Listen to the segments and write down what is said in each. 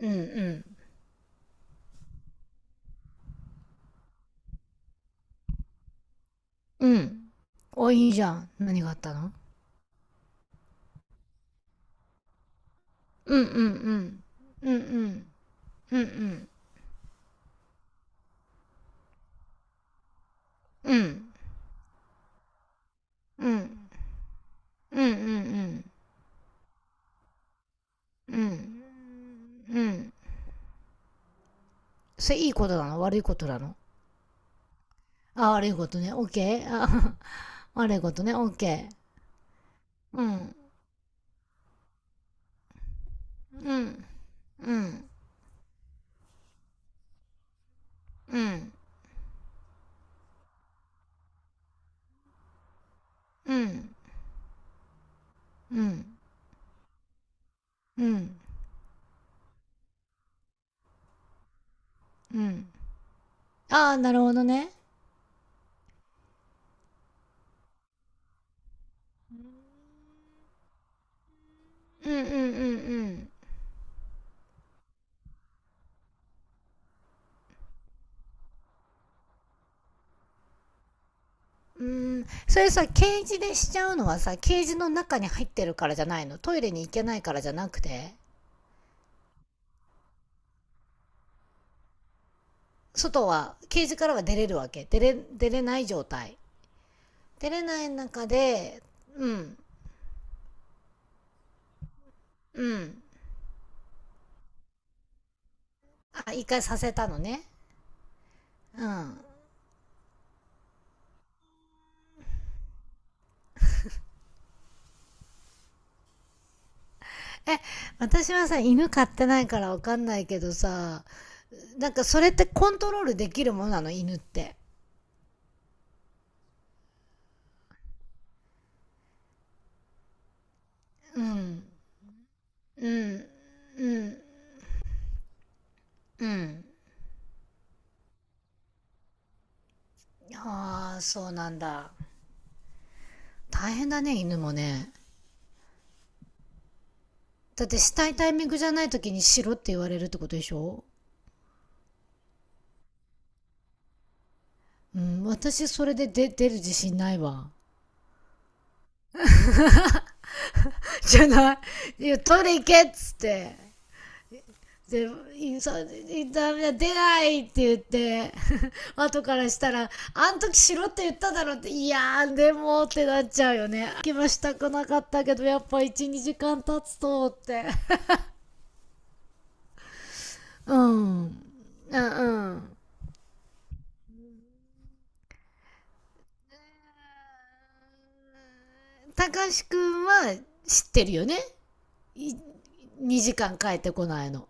うんうん。うん。お、いいじゃん。何があったの？うんうんうん。うんうん。うんうん。うん。うん。うんうんうん。うん。うん。それいいことなの悪いことなの？あ、悪いことね。オッケー。あ。 悪いことね。オッケー。うん。うん。うん。うん。うん。うん。うん。うん。ああ、なるほどね。うんうんうんうん。うーん、それさ、ケージでしちゃうのはさ、ケージの中に入ってるからじゃないの。トイレに行けないからじゃなくて、外は、ケージからは出れるわけ？出れない状態。出れない中で、うん、うん。あ、一回させたのね。うん。え、私はさ、犬飼ってないからわかんないけどさ、なんかそれってコントロールできるものなの、犬って。うん、うん、うん、うん。ああ、そうなんだ。大変だね、犬もね。だってしたいタイミングじゃない時にしろって言われるってことでしょ？うん、私それで出る自信ないわ。じゃない。いや、取り行けっつって。で、インサイン出ないって言って、後からしたら、あん時しろって言っただろって、いやー、でもってなっちゃうよね。気はしたくなかったけど、やっぱ1、2時間経つとって。うん。うんうん。たかしくんは知ってるよね。い2時間帰ってこないの。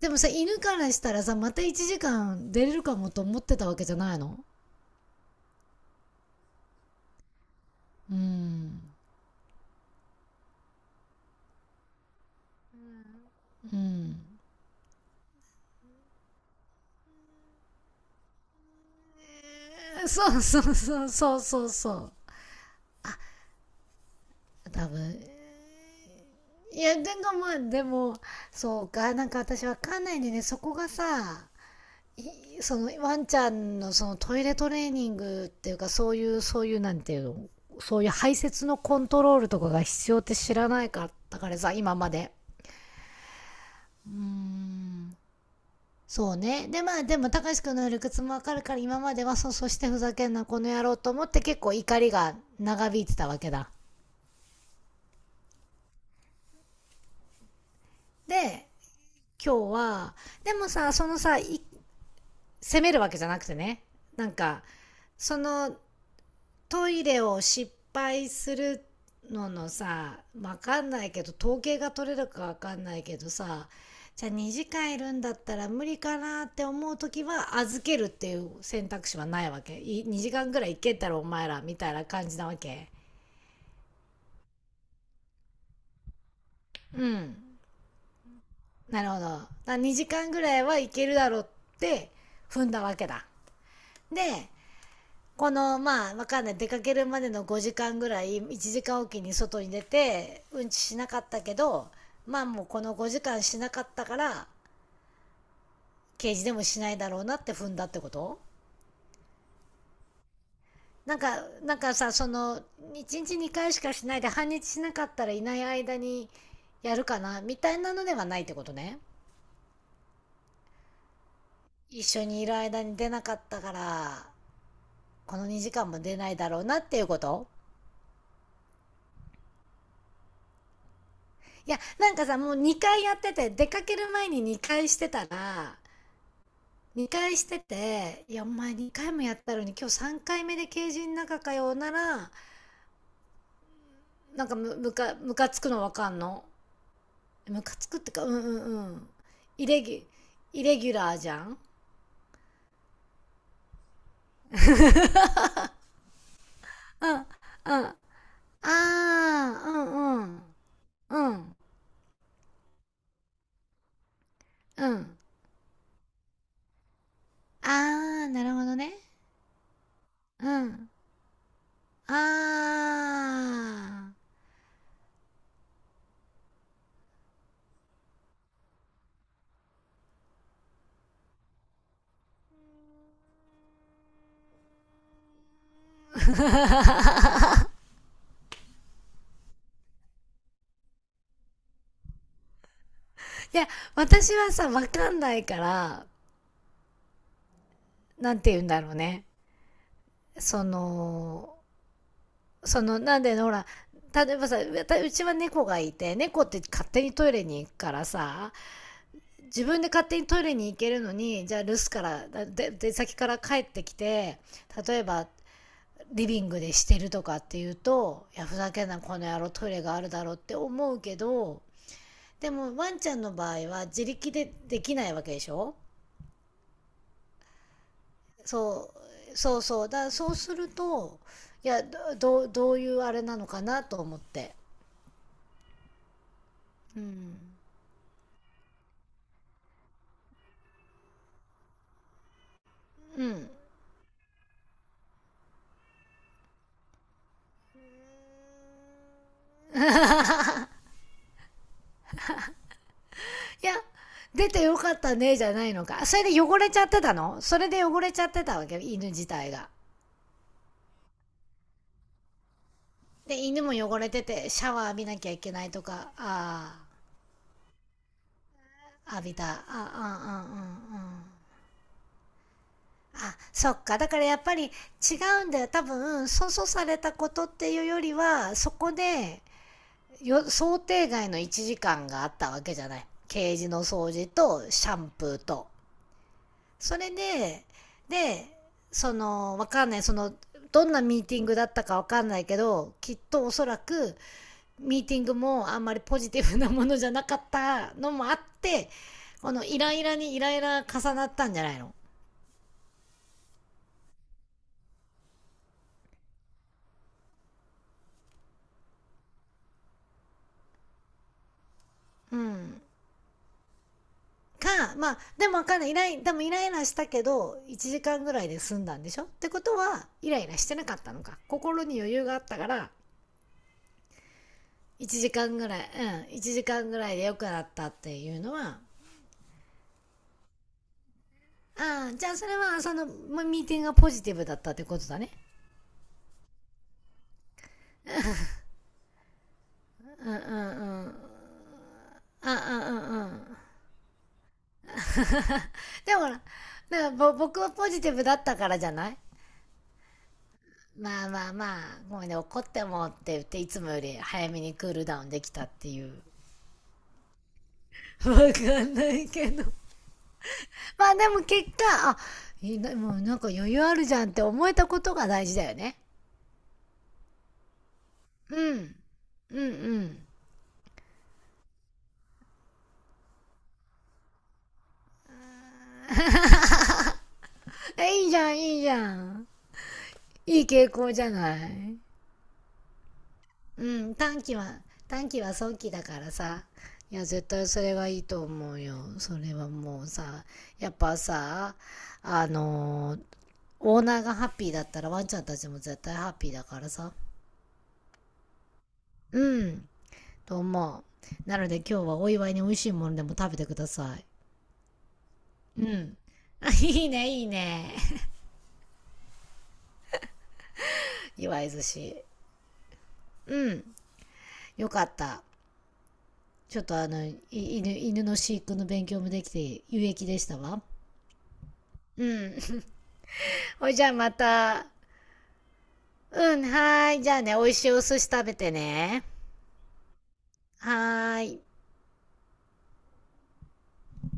でもさ、犬からしたらさ、また1時間出れるかもと思ってたわけじゃないの？うんうん、そうそうそうそうそうそう。多分、いやでもまあでも、そうか、なんか私わかんないんでね、そこがさ、そのワンちゃんのそのトイレトレーニングっていうか、そういうなんていうの、そういう排泄のコントロールとかが必要って知らないかったからさ、今まで。うーん、そうね。で、まあ、でも、たかしくんの理屈もわかるから、今までは、そう、そしてふざけんな、この野郎と思って、結構怒りが長引いてたわけだ。で、今日は、でもさ、そのさ、責めるわけじゃなくてね、なんか、その、トイレを失敗するのの、さ、わかんないけど統計が取れるかわかんないけどさ、じゃあ2時間いるんだったら無理かなって思う時は預けるっていう選択肢はないわけ？2時間ぐらい行けたらお前らみたいな感じなわけ？うん、なるほど。2時間ぐらいはいけるだろうって踏んだわけだ。で、このまあわかんない、出かけるまでの5時間ぐらい1時間おきに外に出てうんちしなかったけど、まあもうこの5時間しなかったから、刑事でもしないだろうなって踏んだってこと？なんか、なんかさ、その1日2回しかしないで半日しなかったら、いない間にやるかなみたいなのではないってことね。一緒にいる間に出なかったから、この2時間も出ないだろうなっていうこと。いやなんかさ、もう2回やってて、出かける前に2回してたら、2回してて、いや、お前2回もやったのに今日3回目でケージの中かよなら、なんかむかつくのわかんの。むかつくってか、うんうんうん。イレギュ、イレギュラーじゃん。うん、うん。ああ、うんうん。うん、うん。ああ、なるほどね。うん。ああ。いや、私はさ、わかんないから、なんて言うんだろうね。その、そのなんでほら、例えばさ、う、うちは猫がいて、猫って勝手にトイレに行くからさ、自分で勝手にトイレに行けるのに、じゃあ留守から、出先から帰ってきて、例えばリビングでしてるとかっていうと、いやふざけんなこの野郎、トイレがあるだろうって思うけど、でもワンちゃんの場合は自力でできないわけでしょ。そうそうそう、だからそうすると、いや、どういうあれなのかなと思って。うん、うん。いや、出てよかったね、じゃないのか。それで汚れちゃってたの？それで汚れちゃってたわけ、犬自体が。で、犬も汚れてて、シャワー浴びなきゃいけないとか。ああ、浴びた。あ、うんうんうんうん。あ、そっか。だからやっぱり違うんだよ。多分、粗相されたことっていうよりは、そこで、想定外の1時間があったわけじゃない。ケージの掃除と、シャンプーと、それで、で、その、わかんない、その、どんなミーティングだったかわかんないけど、きっとおそらく、ミーティングもあんまりポジティブなものじゃなかったのもあって、このイライラにイライラ重なったんじゃないの？うん。か、まあ、でもわかんない。イライ、でもイライラしたけど、1時間ぐらいで済んだんでしょってことは、イライラしてなかったのか。心に余裕があったから、1時間ぐらい、うん、1時間ぐらいで良くなったっていうのは、ああ、じゃあそれはそのミーティングがポジティブだったってことだね。うんうんうん。ああ、うんうんうん。でもほら、なんか僕はポジティブだったからじゃない？まあまあまあ、ごめんね、怒ってもって言って、いつもより早めにクールダウンできたっていう。わかんないけど。まあでも結果、あ、いいな、もうなんか余裕あるじゃんって思えたことが大事だよね。うん。うんうん。え、いいじゃん、いいじゃん。いい傾向じゃない？うん、短期は、短期は早期だからさ。いや、絶対それがいいと思うよ。それはもうさ、やっぱさ、あのーオーナーがハッピーだったらワンちゃんたちも絶対ハッピーだからさ。うん、と思う。なので今日はお祝いに美味しいものでも食べてください。うん。あ、いいね、いいね。祝い寿司。うん。よかった。ちょっと犬の飼育の勉強もできて有益でしたわ。うん。ほいじゃあまた。うん、はーい。じゃあね、美味しいお寿司食べてね。はーい。